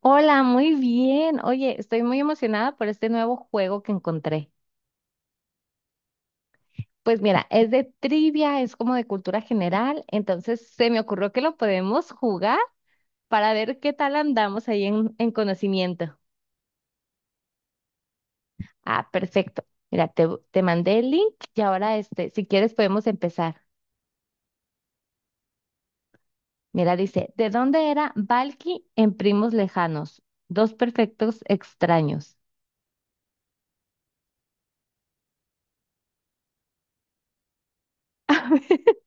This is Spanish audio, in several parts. Hola, muy bien. Oye, estoy muy emocionada por este nuevo juego que encontré. Pues mira, es de trivia, es como de cultura general, entonces se me ocurrió que lo podemos jugar para ver qué tal andamos ahí en conocimiento. Ah, perfecto. Mira, te mandé el link y ahora si quieres podemos empezar. Mira, dice, ¿de dónde era Balki en Primos Lejanos? Dos perfectos extraños.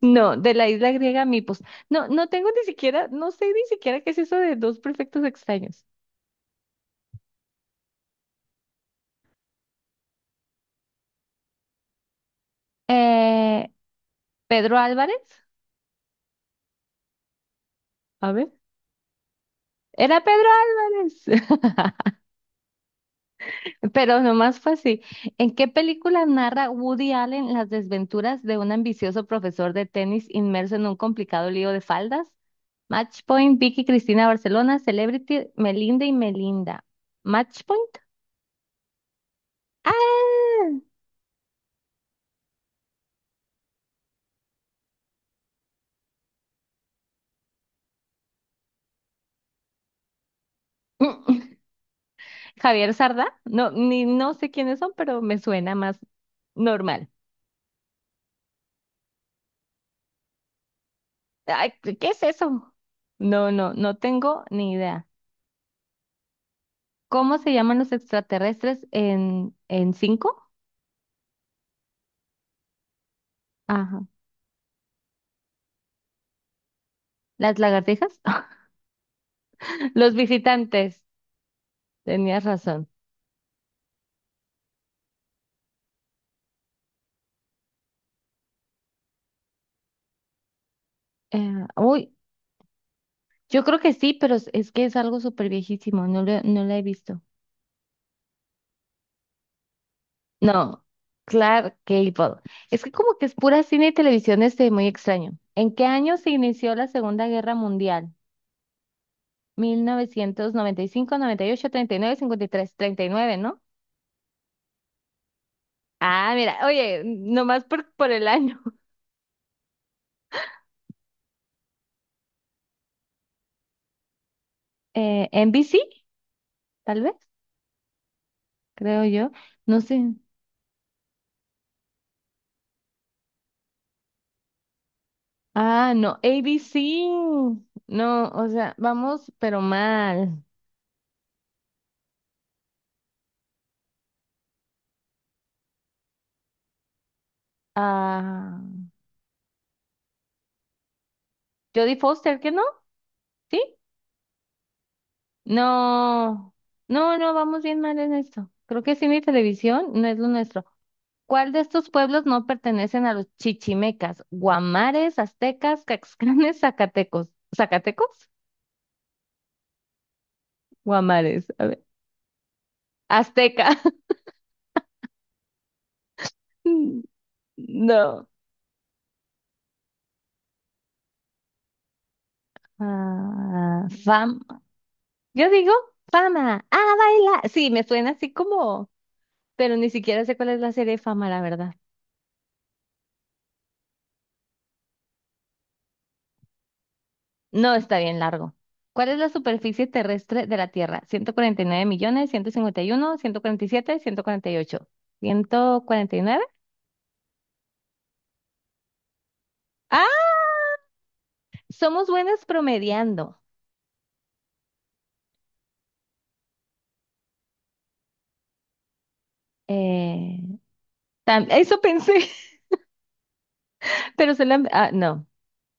No, de la isla griega Mipos. No, no tengo ni siquiera, no sé ni siquiera qué es eso de dos prefectos extraños. Eh, Pedro Álvarez, a ver, era Pedro Álvarez, pero nomás fue así. ¿En qué película narra Woody Allen las desventuras de un ambicioso profesor de tenis inmerso en un complicado lío de faldas? Matchpoint, Vicky Cristina Barcelona, Celebrity, Melinda y Melinda. ¿Matchpoint? ¡Ah! Javier Sarda, no sé quiénes son, pero me suena más normal. Ay, ¿qué es eso? No, no, no tengo ni idea. ¿Cómo se llaman los extraterrestres en cinco? Ajá. ¿Las lagartijas? Los visitantes. Tenías razón. Eh, uy, yo creo que sí, pero es que es algo súper viejísimo, no la he visto. No, Clark Gable. Es que como que es pura cine y televisión, muy extraño. ¿En qué año se inició la Segunda Guerra Mundial? Mil novecientos noventa y cinco, 1839, cincuenta y tres, treinta y nueve, ¿no? Ah, mira, oye, nomás por el año. NBC tal vez, creo yo. No sé. Ah, no, ABC. No, o sea, vamos, pero mal. Ah, Jodie Foster, ¿qué no? ¿Sí? No, no, no, vamos bien mal en esto. Creo que cine y televisión no es lo nuestro. ¿Cuál de estos pueblos no pertenecen a los chichimecas? Guamares, aztecas, caxcanes, zacatecos. ¿Zacatecos? Guamares. A ver. Azteca. No. Ah, fam. Yo digo fama. Ah, baila. Sí, me suena así como, pero ni siquiera sé cuál es la serie de fama, la verdad. No, está bien largo. ¿Cuál es la superficie terrestre de la Tierra? 149 millones, 151, 147, 148. ¿149? Somos buenas promediando. Eh, eso pensé, pero se la... Ah, no.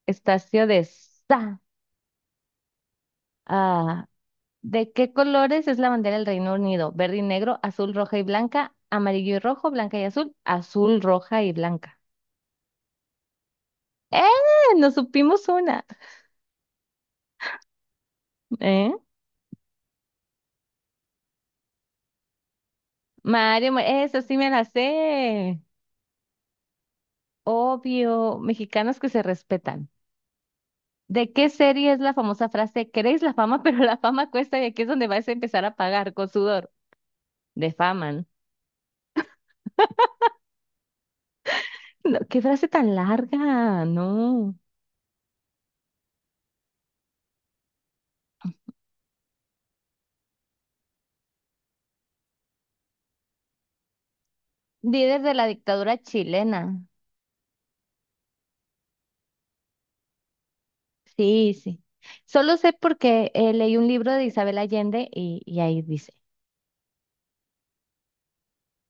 Estacio de Sa. Ah, ¿de qué colores es la bandera del Reino Unido? Verde y negro, azul, roja y blanca, amarillo y rojo, blanca y azul, azul, roja y blanca. ¡Eh! Nos supimos una. ¿Eh? Mario, eso sí me la sé. Obvio, mexicanos que se respetan. ¿De qué serie es la famosa frase, queréis la fama, pero la fama cuesta y aquí es donde vais a empezar a pagar con sudor? Defaman, no, qué frase tan larga, no. Líder de la dictadura chilena. Sí, sí. Solo sé porque leí un libro de Isabel Allende y ahí dice,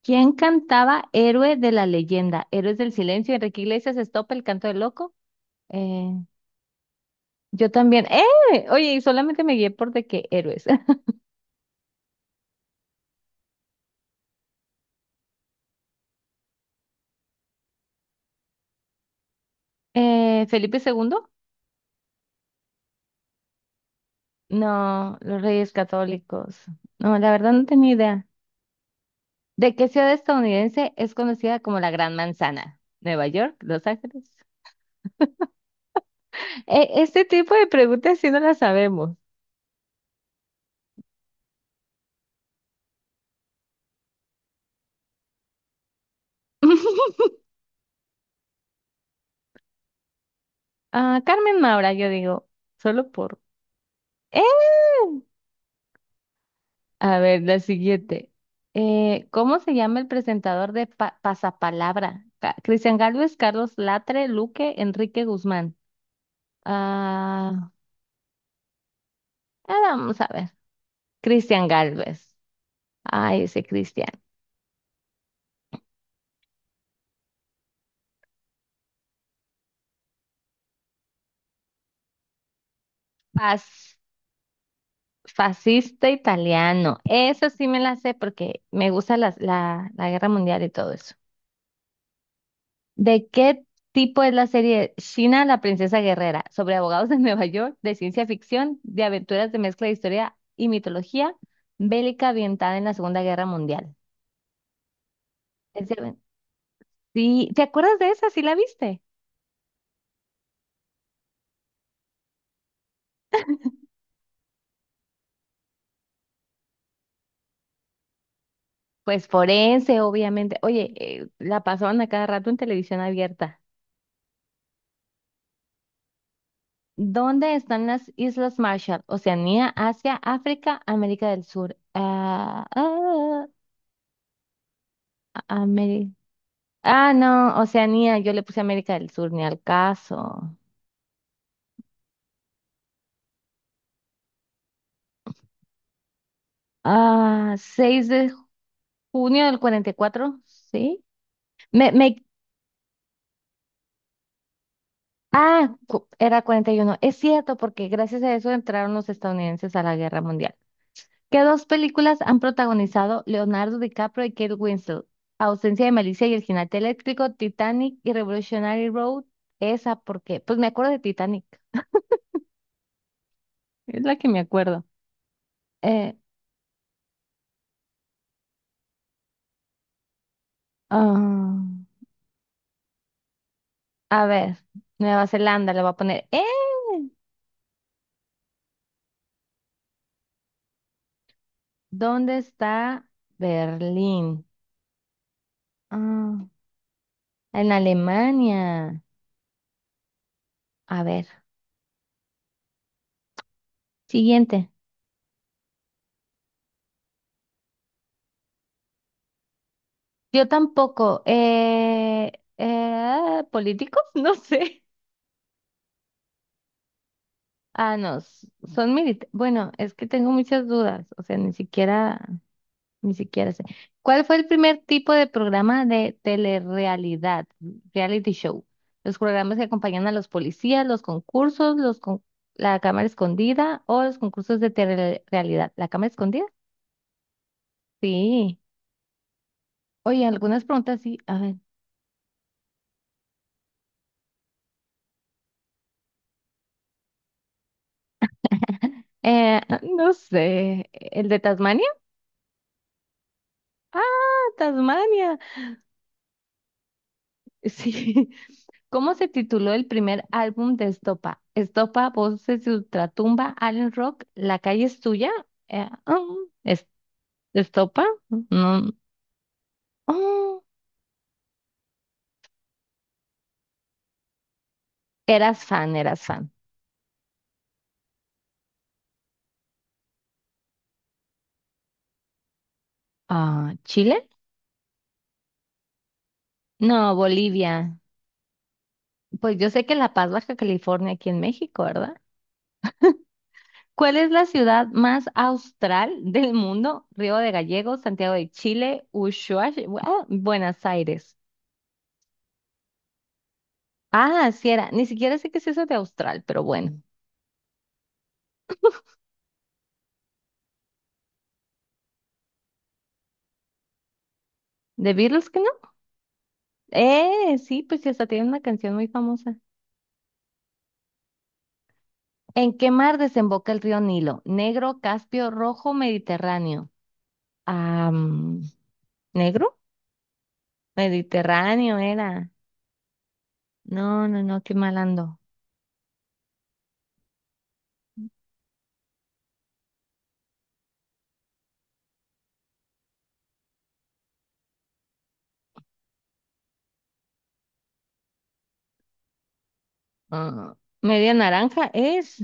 ¿quién cantaba Héroe de la leyenda? Héroes del silencio, Enrique Iglesias, Estopa, El canto del loco. Eh, yo también. ¡Eh! Oye, y solamente me guié por de qué héroes. ¿Felipe II? No, los Reyes Católicos. No, la verdad no tenía idea. ¿De qué ciudad estadounidense es conocida como la Gran Manzana? ¿Nueva York? ¿Los Ángeles? Este tipo de preguntas sí no las sabemos. Ah, Carmen Maura, yo digo, solo por... ¡Eh! A ver, la siguiente. ¿Cómo se llama el presentador de Pasapalabra? Cristian Gálvez, Carlos Latre, Luque, Enrique Guzmán. Ah, vamos a ver. Cristian Gálvez. Ay, ese Cristian. Fascista italiano. Eso sí me la sé porque me gusta la guerra mundial y todo eso. ¿De qué tipo es la serie China, la princesa guerrera? ¿Sobre abogados de Nueva York, de ciencia ficción, de aventuras de mezcla de historia y mitología, bélica ambientada en la Segunda Guerra Mundial? Es de aven- Sí, ¿te acuerdas de esa? ¿Sí la viste? Pues forense, obviamente. Oye, la pasaban a cada rato en televisión abierta. ¿Dónde están las Islas Marshall? Oceanía, Asia, África, América del Sur. Ameri- ah, no, Oceanía, yo le puse América del Sur, ni al caso. Ah, 6 de junio del 44, ¿sí? Me, me, era 41. Es cierto, porque gracias a eso entraron los estadounidenses a la Guerra Mundial. ¿Qué dos películas han protagonizado Leonardo DiCaprio y Kate Winslet? Ausencia de Malicia y el Jinete Eléctrico, Titanic y Revolutionary Road. ¿Esa por qué? Pues me acuerdo de Titanic. Es la que me acuerdo. Eh, ah, a ver, Nueva Zelanda le voy a poner. ¡Eh! ¿Dónde está Berlín? Ah, en Alemania. A ver, siguiente. Yo tampoco. ¿Políticos? No sé. Ah, no, son militares. Bueno, es que tengo muchas dudas, o sea, ni siquiera sé. ¿Cuál fue el primer tipo de programa de telerrealidad, reality show? Los programas que acompañan a los policías, los concursos, la cámara escondida o los concursos de telerrealidad. ¿La cámara escondida? Sí. Oye, algunas preguntas sí. A ver. Eh, no sé. ¿El de Tasmania? Ah, Tasmania. Sí. ¿Cómo se tituló el primer álbum de Estopa? Estopa, Voces de Ultratumba, Alien Rock, La calle es tuya. Eh, mm, es- Estopa. No. Oh, eras fan, eras fan. Ah, ¿Chile? No, Bolivia. Pues yo sé que La Paz, Baja California, aquí en México, ¿verdad? ¿Cuál es la ciudad más austral del mundo? Río de Gallegos, Santiago de Chile, Ushuaia, ah, Buenos Aires. Ah, sí era. Ni siquiera sé qué es eso de austral, pero bueno. ¿De Beatles que no? Sí, pues sí, hasta tiene una canción muy famosa. ¿En qué mar desemboca el río Nilo? Negro, Caspio, Rojo, Mediterráneo. Ah, mm, ¿Negro? Mediterráneo era. No, no, no, qué mal ando. Ah, media naranja es.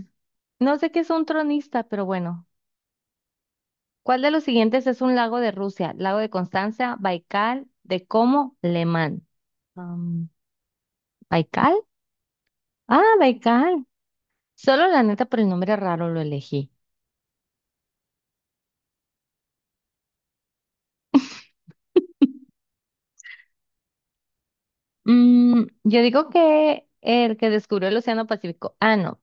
No sé qué es un tronista, pero bueno. ¿Cuál de los siguientes es un lago de Rusia? Lago de Constanza, Baikal, de Como, Lemán. Am, ¿Baikal? Ah, Baikal. Solo la neta por el nombre raro lo elegí. Yo digo que el que descubrió el Océano Pacífico. Ah, no.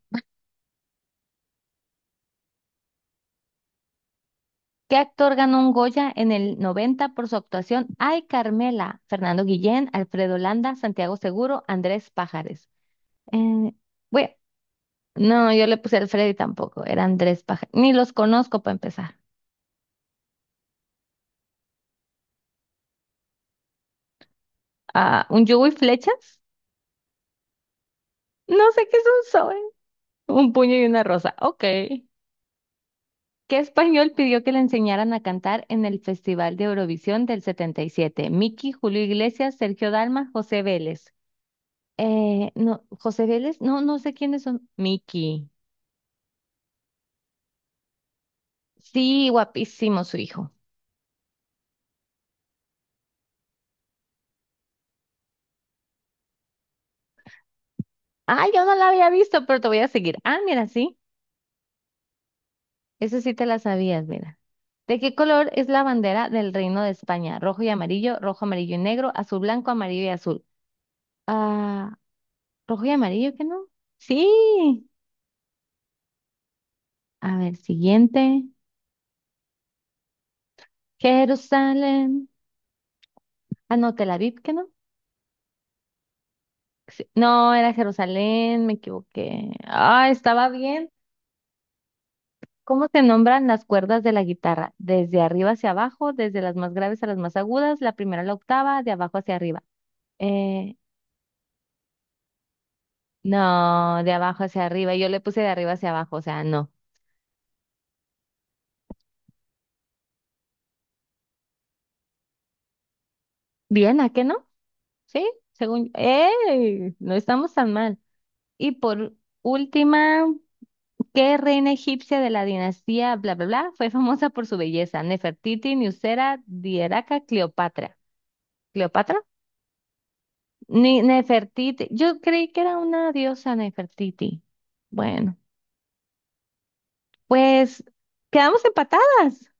¿Qué actor ganó un Goya en el 90 por su actuación? Ay, Carmela. Fernando Guillén, Alfredo Landa, Santiago Seguro, Andrés Pájares. Eh, bueno, no, yo le puse Alfredo y tampoco. Era Andrés Pájares. Ni los conozco para empezar. Ah, ¿un yugo y flechas? No sé qué es un sol. Un puño y una rosa. Ok. ¿Qué español pidió que le enseñaran a cantar en el Festival de Eurovisión del 77? Miki, Julio Iglesias, Sergio Dalma, José Vélez. No, José Vélez, no, no sé quiénes son. Miki. Sí, guapísimo su hijo. Ah, yo no la había visto, pero te voy a seguir. Ah, mira, sí. Eso sí te la sabías, mira. ¿De qué color es la bandera del Reino de España? Rojo y amarillo, rojo, amarillo y negro, azul, blanco, amarillo y azul. Ah, rojo y amarillo, ¿qué no? Sí. A ver, siguiente. Jerusalén. Ah, no, Tel Aviv, ¿qué no? Sí, no, era Jerusalén, me equivoqué. Ah, estaba bien. ¿Cómo se nombran las cuerdas de la guitarra? Desde arriba hacia abajo, desde las más graves a las más agudas, la primera a la octava, de abajo hacia arriba. Eh, no, de abajo hacia arriba. Yo le puse de arriba hacia abajo, o sea, no. Bien, ¿a qué no? Sí, según... ¡Ey! No estamos tan mal. Y por última... ¿Qué reina egipcia de la dinastía bla bla bla fue famosa por su belleza? Nefertiti, Nusera, Dieraca, Cleopatra. ¿Cleopatra? Ni Nefertiti. Yo creí que era una diosa Nefertiti. Bueno, pues quedamos empatadas.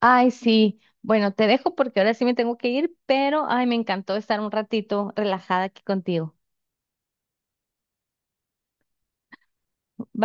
Ay, sí. Bueno, te dejo porque ahora sí me tengo que ir, pero ay, me encantó estar un ratito relajada aquí contigo. Bye.